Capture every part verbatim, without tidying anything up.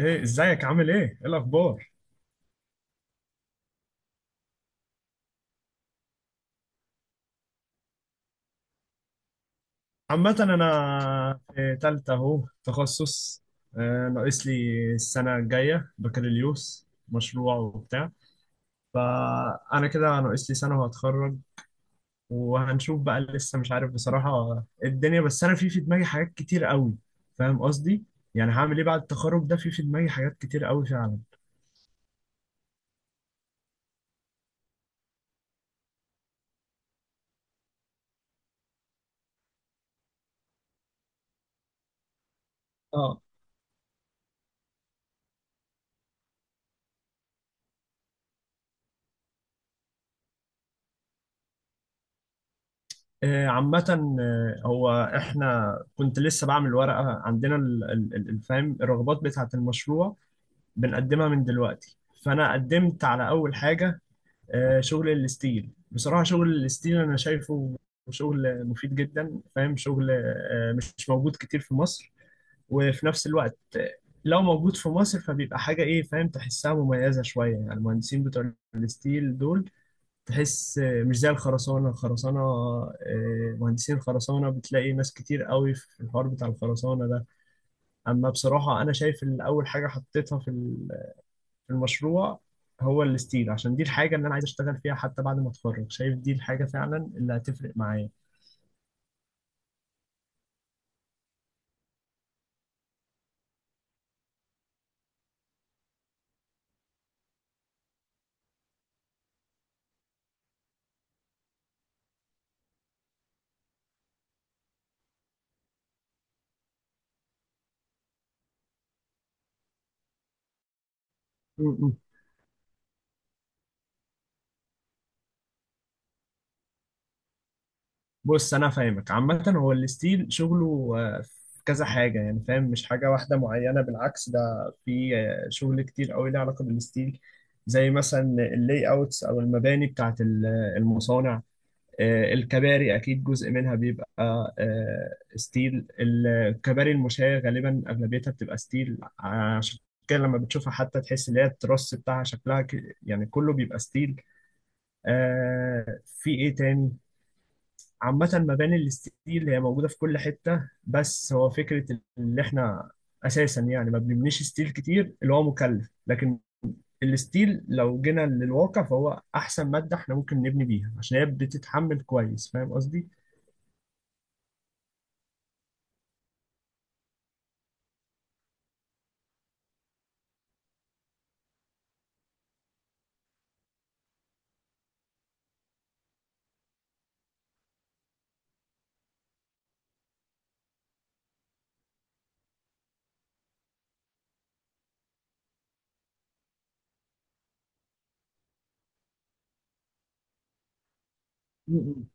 ايه، ازيك عامل ايه؟ ايه الاخبار؟ عامة انا في تالتة اهو تخصص. آه، ناقص لي السنة الجاية بكالوريوس مشروع وبتاع. فانا كده ناقص لي سنة وهتخرج وهنشوف بقى. لسه مش عارف بصراحة الدنيا، بس انا في في دماغي حاجات كتير قوي. فاهم قصدي؟ يعني هعمل ايه بعد التخرج ده؟ في في دماغي حاجات كتير قوي فعلا. اه. آه، عامة، آه، هو احنا كنت لسه بعمل ورقة. عندنا ال- ال- ال- الفهم الرغبات بتاعة المشروع، بنقدمها من دلوقتي. فانا قدمت على اول حاجه، آه، شغل الستيل. بصراحه شغل الستيل انا شايفه شغل مفيد جدا، فاهم؟ شغل آه، مش موجود كتير في مصر، وفي نفس الوقت آه، لو موجود في مصر فبيبقى حاجه ايه، فاهم؟ تحسها مميزه شويه. يعني المهندسين بتوع الستيل دول تحس آه، مش زي الخرسانه الخرسانه، آه، مهندسين الخرسانه بتلاقي ناس كتير قوي في الحوار بتاع الخرسانه ده. اما بصراحه انا شايف ان اول حاجه حطيتها في في المشروع هو الستيل، عشان دي الحاجة اللي أنا عايز أشتغل فيها حتى بعد ما أتخرج. شايف دي الحاجة فعلا اللي هتفرق معايا. م- م. بص أنا فاهمك. عامة هو الستيل شغله آه، في كذا حاجة، يعني فاهم؟ مش حاجة واحدة معينة، بالعكس. ده في آه، شغل كتير قوي ليه علاقة بالستيل، زي مثلا اللي اوتس أو المباني بتاعت ال- آه، المصانع. آه، الكباري اكيد جزء منها بيبقى آه، ستيل. الكباري المشاة غالبا اغلبيتها بتبقى ستيل، عشان كده لما بتشوفها حتى تحس ان هي التروس بتاعها شكلها ك- يعني كله بيبقى ستيل. آه، في ايه تاني؟ عامة مباني الستيل هي موجودة في كل حتة، بس هو فكرة اللي احنا اساسا يعني ما بنبنيش ستيل كتير، اللي هو مكلف. لكن الستيل لو جينا للواقع فهو احسن مادة احنا ممكن نبني بيها، عشان هي بتتحمل كويس. فاهم قصدي؟ مم.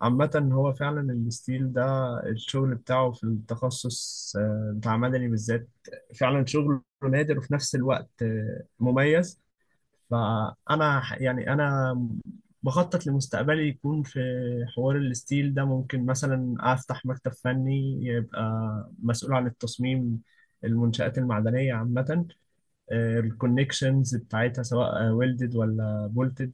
عامة هو فعلا الستيل ده الشغل بتاعه في التخصص آه، بتاع مدني بالذات، فعلا شغل نادر، وفي نفس الوقت آه، مميز. فأنا ح- يعني أنا بخطط لمستقبلي يكون في حوار الستيل ده. ممكن مثلا أفتح مكتب فني، يبقى مسؤول عن التصميم، المنشآت المعدنية عامة، الكونكشنز بتاعتها سواء ويلدد ولا بولتد،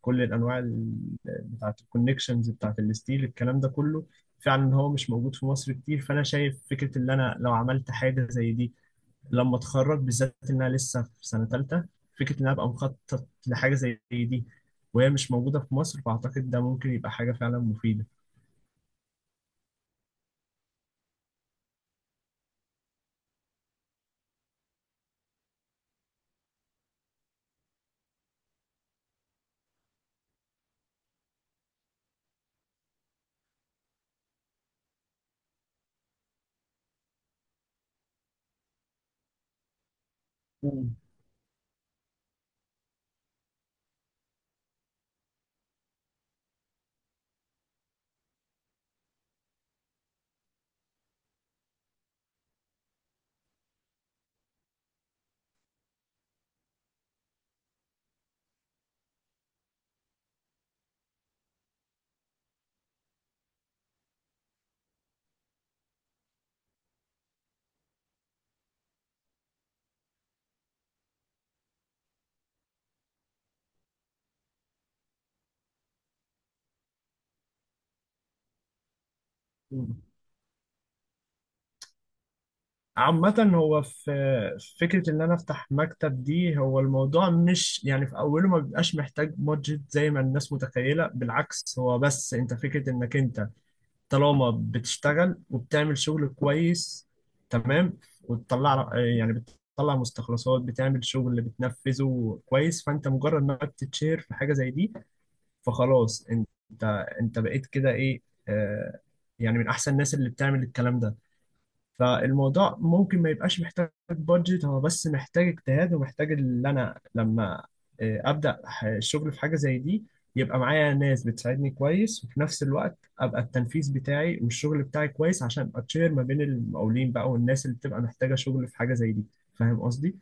كل الانواع ال- بتاعه الكونكشنز بتاعه الستيل. الكلام ده كله فعلا هو مش موجود في مصر كتير. فانا شايف فكره ان انا لو عملت حاجه زي دي لما اتخرج، بالذات انها لسه في سنه ثالثه، فكره ان انا ابقى مخطط لحاجه زي دي وهي مش موجوده في مصر، فاعتقد ده ممكن يبقى حاجه فعلا مفيده. مم. مم. عامة هو في في فكرة إن أنا أفتح مكتب دي. هو الموضوع مش يعني في أوله ما بيبقاش محتاج بادجت زي ما الناس متخيلة، بالعكس. هو بس أنت فكرة إنك أنت طالما بتشتغل وبتعمل شغل كويس تمام وتطلع، يعني بتطلع مستخلصات، بتعمل شغل اللي بتنفذه كويس، فانت مجرد ما بتتشهر في حاجه زي دي، فخلاص انت، انت بقيت كده ايه، آه يعني من احسن الناس اللي بتعمل الكلام ده. فالموضوع ممكن ما يبقاش محتاج بادجت، هو بس محتاج اجتهاد، ومحتاج ان انا لما آه، ابدا ح- الشغل في حاجه زي دي، يبقى معايا ناس بتساعدني كويس، وفي نفس الوقت ابقى التنفيذ بتاعي والشغل بتاعي كويس، عشان ابقى تشير ما بين المقاولين بقى والناس اللي بتبقى محتاجه شغل في حاجه زي دي. فاهم قصدي؟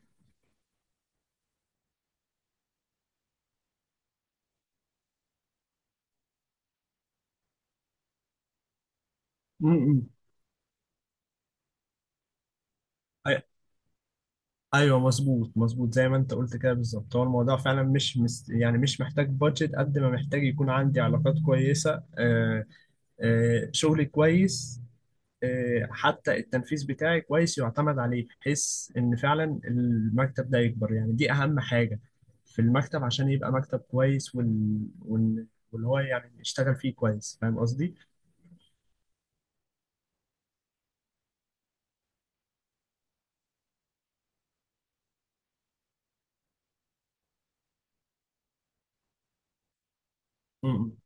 امم، أي- ايوه، مظبوط مظبوط زي ما انت قلت كده بالظبط. هو الموضوع فعلا مش مس يعني مش محتاج بادجت قد ما محتاج يكون عندي علاقات كويسه. آه آه شغل كويس، آه، حتى التنفيذ بتاعي كويس يعتمد عليه، بحيث ان فعلا المكتب ده يكبر. يعني دي اهم حاجة في المكتب عشان يبقى مكتب كويس، وال... وال... واللي هو يعني يشتغل فيه كويس. فاهم قصدي؟ م- م-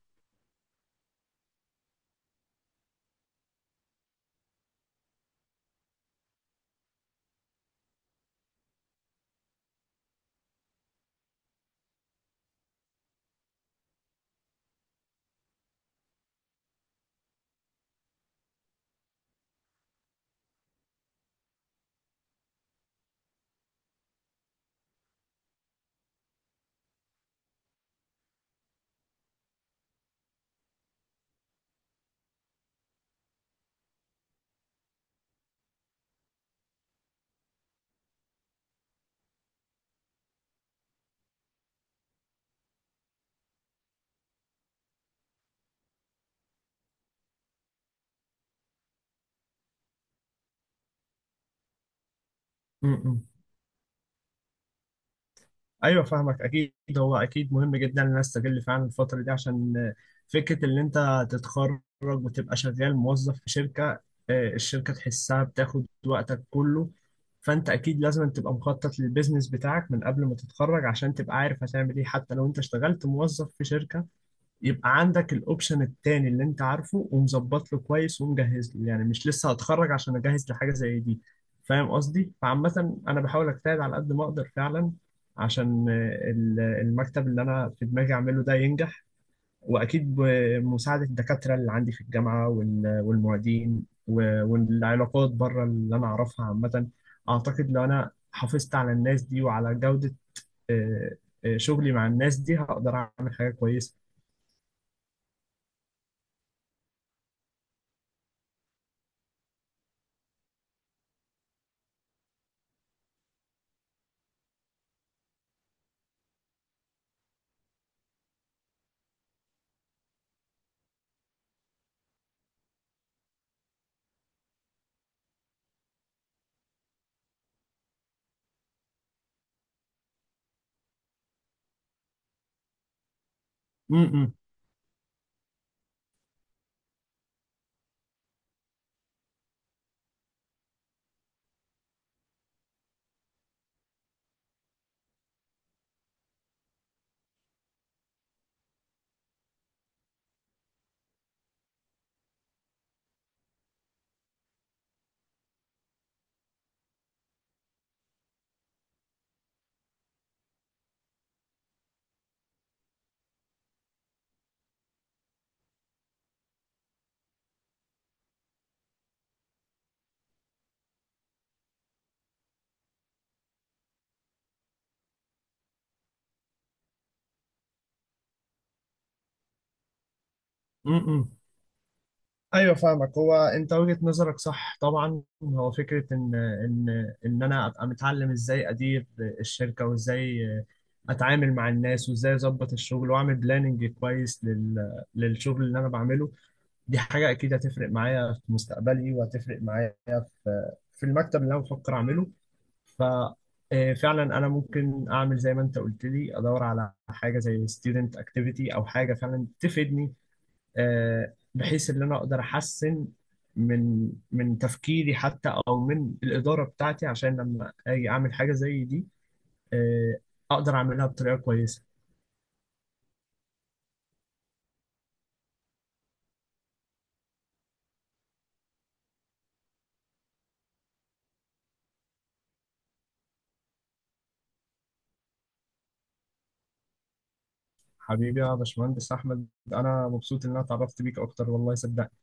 م- م. ايوه، فاهمك اكيد. هو اكيد مهم جدا ان انا استغل فعلا الفتره دي، عشان فكره ان انت تتخرج وتبقى شغال موظف في شركه. آه، الشركه تحسها بتاخد وقتك كله، فانت اكيد لازم تبقى مخطط للبيزنس بتاعك من قبل ما تتخرج، عشان تبقى عارف هتعمل ايه حتى لو انت اشتغلت موظف في شركه، يبقى عندك الاوبشن التاني اللي انت عارفه ومظبط له كويس ومجهز له، يعني مش لسه هتخرج عشان اجهز لحاجه زي دي. فاهم قصدي؟ فعامه انا بحاول اجتهد على قد ما اقدر فعلا، عشان آه، ال- المكتب اللي انا في دماغي اعمله ده ينجح. واكيد بمساعده الدكاتره اللي عندي في الجامعه وال- والمعيدين و- والعلاقات بره اللي انا اعرفها عامه. اعتقد لو انا حافظت على الناس دي وعلى جوده، آه، آه، شغلي مع الناس دي هقدر اعمل حاجه كويسه. م- م. امم، ايوه فاهمك. هو انت وجهة نظرك صح طبعا. هو فكرة ان ان ان انا ابقى متعلم ازاي ادير الشركة، وازاي اتعامل مع الناس، وازاي اظبط الشغل واعمل بلاننج كويس لل للشغل اللي انا بعمله. دي حاجة اكيد هتفرق معايا في مستقبلي، وهتفرق معايا في في المكتب اللي انا بفكر اعمله. ف آه، فعلا انا ممكن اعمل زي ما انت قلت لي، ادور على حاجه زي student activity او حاجه فعلا تفيدني، آه، بحيث ان انا اقدر احسن من من تفكيري، حتى او من الاداره بتاعتي، عشان لما اجي اعمل حاجه زي دي آه، اقدر اعملها بطريقه كويسه. حبيبي يا باشمهندس احمد، انا مبسوط ان انا اتعرفت بيك اكتر والله صدقني.